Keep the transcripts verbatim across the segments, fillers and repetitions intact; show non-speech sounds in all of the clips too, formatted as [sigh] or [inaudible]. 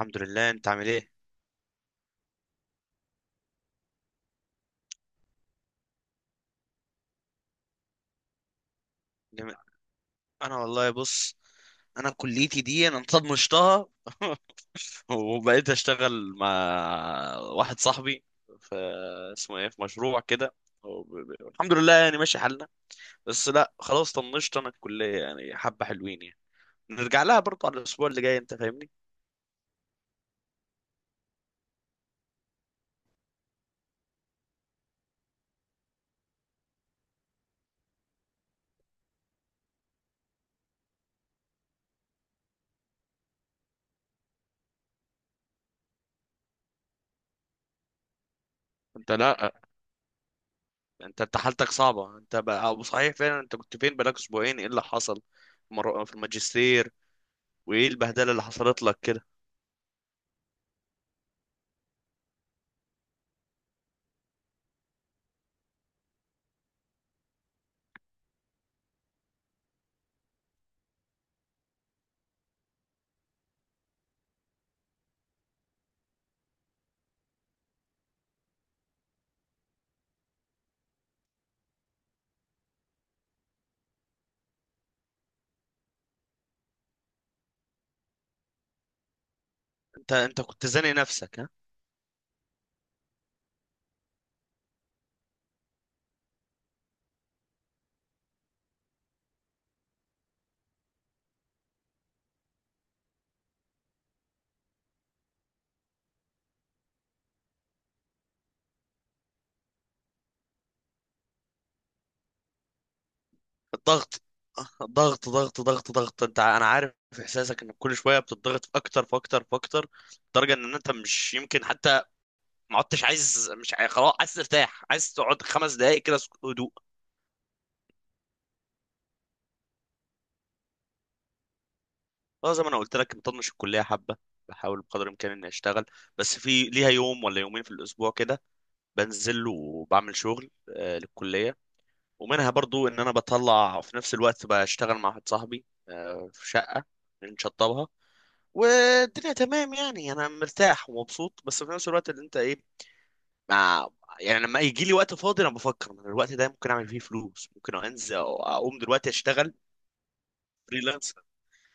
الحمد لله، انت عامل ايه؟ جميل. انا والله بص، انا كليتي دي انا طنشتها. [laughs] وبقيت اشتغل مع واحد صاحبي في، اسمه ايه، في مشروع كده. وب- ب- الحمد لله يعني ماشي حالنا. بس لا خلاص طنشت انا الكلية يعني حبة حلوين يعني، نرجع لها برضه على الاسبوع اللي جاي، انت فاهمني؟ انت لا، انت انت حالتك صعبة انت بقى، أو صحيح فعلا، انت كنت فين بقالك اسبوعين؟ ايه اللي حصل مرة- في الماجستير؟ وايه البهدلة اللي حصلت لك؟ انت انت كنت زانق نفسك، ها؟ الضغط، ضغط ضغط ضغط ضغط، انت ع- انا عارف احساسك انك كل شويه بتضغط في اكتر في اكتر في اكتر، لدرجه ان انت مش يمكن حتى ما عدتش عايز، مش عايز خلاص، عايز ترتاح، عايز تقعد خمس دقائق كده سك- هدوء. اه، زي ما انا قلت لك، مطنش الكليه حبه، بحاول بقدر الامكان اني اشتغل، بس في ليها يوم ولا يومين في الاسبوع كده، بنزل وبعمل شغل، آه، للكليه. ومنها برضو ان انا بطلع في نفس الوقت بشتغل مع واحد صاحبي، آه، في شقه بنشطبها، والدنيا تمام يعني. انا مرتاح ومبسوط، بس في نفس الوقت اللي انت ايه، مع، يعني لما يجي لي وقت فاضي انا بفكر إن الوقت ده ممكن اعمل فيه فلوس، ممكن انزل أو اقوم دلوقتي اشتغل فريلانسر،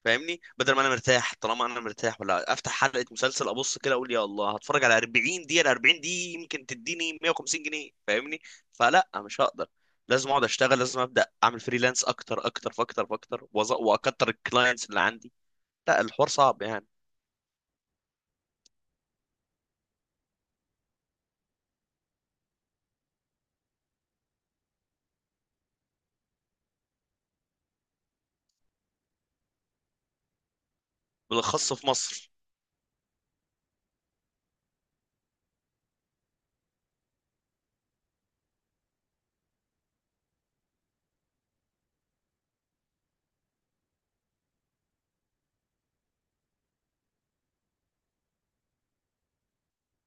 فاهمني؟ بدل ما انا مرتاح، طالما انا مرتاح ولا افتح حلقة مسلسل ابص كده اقول يا الله، هتفرج على أربعين دقيقة؟ ال أربعين دي يمكن تديني مية وخمسين جنيه، فاهمني؟ فلا، مش هقدر، لازم اقعد اشتغل، لازم ابدا اعمل فريلانس اكتر اكتر، فاكتر فاكتر، وأز- واكتر الكلاينتس اللي عندي. لا، الحوار صعب يعني، بالاخص في مصر.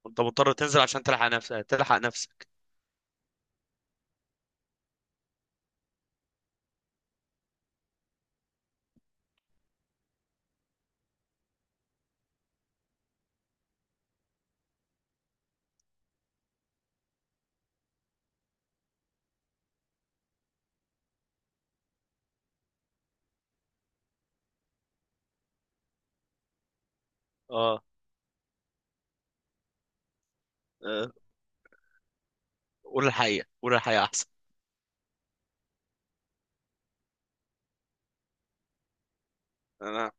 انت مضطر تنزل عشان تلحق نفسك تلحق نفسك. اه، آه، قول الحقيقة، قول الحقيقة احسن. انا،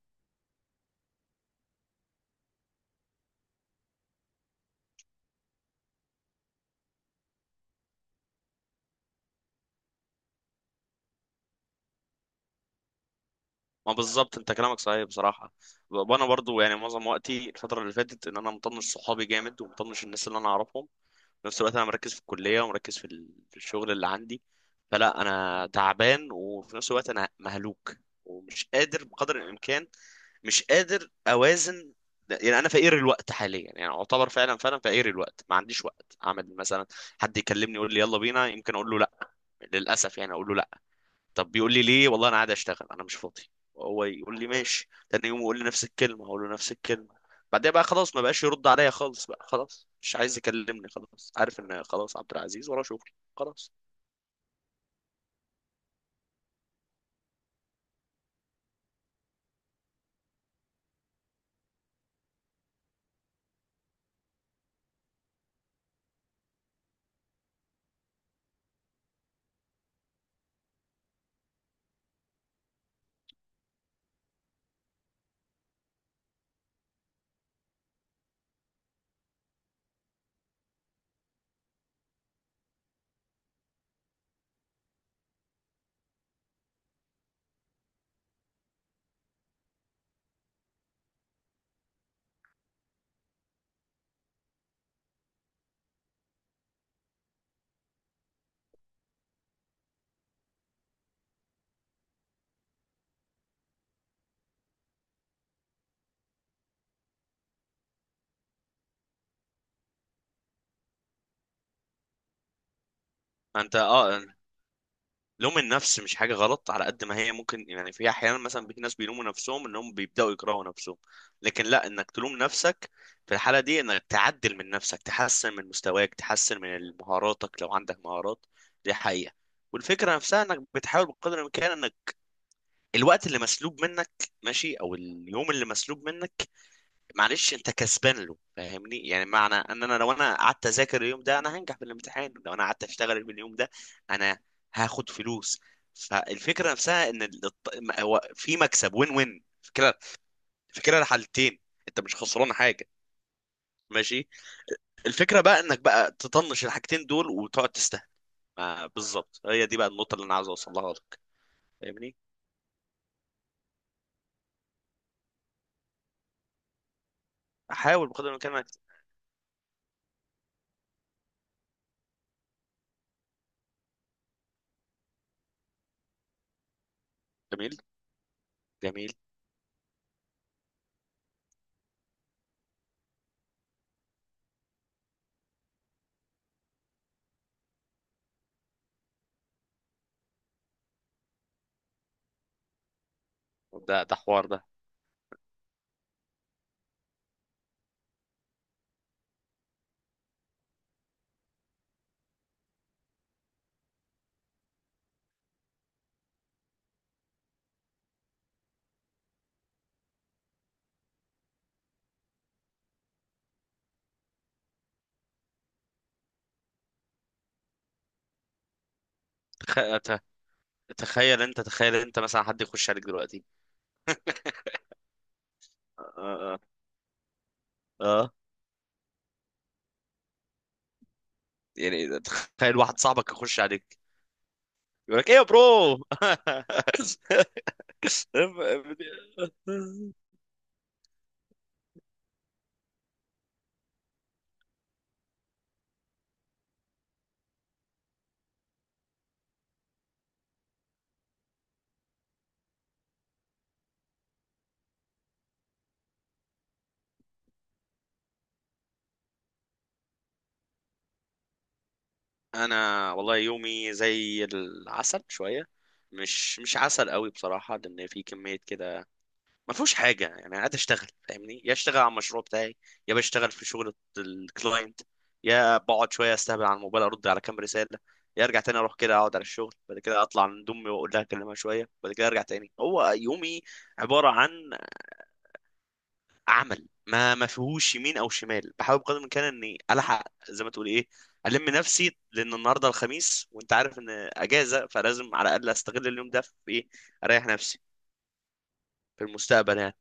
ما بالظبط انت كلامك صحيح بصراحة. وانا برضو يعني معظم وقتي الفترة اللي فاتت ان انا مطنش صحابي جامد ومطنش الناس اللي انا اعرفهم. في نفس الوقت انا مركز في الكليه ومركز في ال- في الشغل اللي عندي. فلا انا تعبان، وفي نفس الوقت انا مهلوك، ومش قادر بقدر الامكان، مش قادر اوازن. يعني انا فقير الوقت حاليا، يعني اعتبر فعلا فعلا فقير الوقت. ما عنديش وقت اعمل مثلا، حد يكلمني يقول لي يلا بينا، يمكن اقول له لا، للاسف يعني اقول له، طب بيقول لي ليه، والله انا قاعد اشتغل انا مش فاضي، وهو يقول لي ماشي، تاني يوم يقول لي نفس الكلمه اقول له نفس الكلمه. بعدين بقى خلاص ما بقاش يرد عليا خالص، بقى خلاص مش عايز يكلمني، خلاص عارف ان خلاص عبد العزيز وراه شغل، خلاص. انت اه، لوم النفس مش حاجة غلط على قد ما هي ممكن، يعني في أحيانا مثلا في ناس بيلوموا نفسهم إنهم بيبدأوا يكرهوا نفسهم، لكن لا، إنك تلوم نفسك في الحالة دي إنك تعدل من نفسك، تحسن من مستواك، تحسن من مهاراتك لو عندك مهارات، دي حقيقة. والفكرة نفسها إنك بتحاول بقدر الإمكان إنك الوقت اللي مسلوب منك، ماشي، أو اليوم اللي مسلوب منك، معلش انت كسبان له، فاهمني؟ يعني معنى ان انا، لو انا قعدت اذاكر اليوم ده انا هنجح في الامتحان، لو انا قعدت اشتغل من اليوم ده انا هاخد فلوس. فالفكره نفسها ان ال- الط- م- هو في مكسب، وين وين فكره، فكره الحالتين. انت مش خسران حاجه، ماشي. الفكره بقى انك بقى تطنش الحاجتين دول وتقعد تستهبل. ما- بالظبط، هي دي بقى النقطه اللي انا عاوز اوصلها لك، فاهمني؟ احاول بقدر الامكان انك، جميل جميل. ده ده حوار ده، تخ... ت- تخيل انت، تخيل انت مثلا حد يخش عليك دلوقتي؟ اه، آه. آه. يعني تخيل واحد صاحبك يخش عليك يقول لك ايه يا برو؟ [laughs] انا والله يومي زي العسل شويه، مش مش عسل قوي بصراحه، لان في كميه كده ما فيهوش حاجه يعني. انا قاعد اشتغل، فاهمني؟ يا اشتغل على المشروع بتاعي، يا بشتغل في شغل الكلاينت، يا بقعد شويه استهبل على الموبايل ارد على كام رساله، يا ارجع تاني اروح كده اقعد على الشغل، بعد كده اطلع عند امي واقول لها اكلمها شويه، بعد كده ارجع تاني. هو يومي عباره عن عمل، ما ما فيهوش يمين او شمال. بحاول بقدر الامكان اني الحق زي ما تقول ايه، الم نفسي، لان النهارده الخميس وانت عارف ان اجازه، فلازم على الاقل استغل اليوم ده في ايه، اريح نفسي في المستقبل يعني.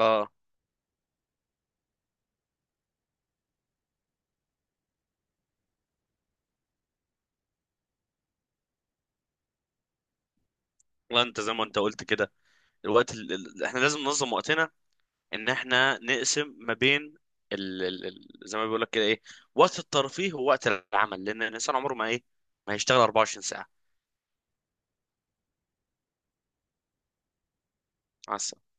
اه، والله انت زي ما انت قلت كده، الوقت ال... ال- احنا لازم ننظم وقتنا، ان احنا نقسم ما بين ال... ال... ال- زي ما بيقول لك كده ايه، وقت الترفيه ووقت العمل، لان الانسان عمره ما ايه، ما هيشتغل 24 ساعة. مع السلامة.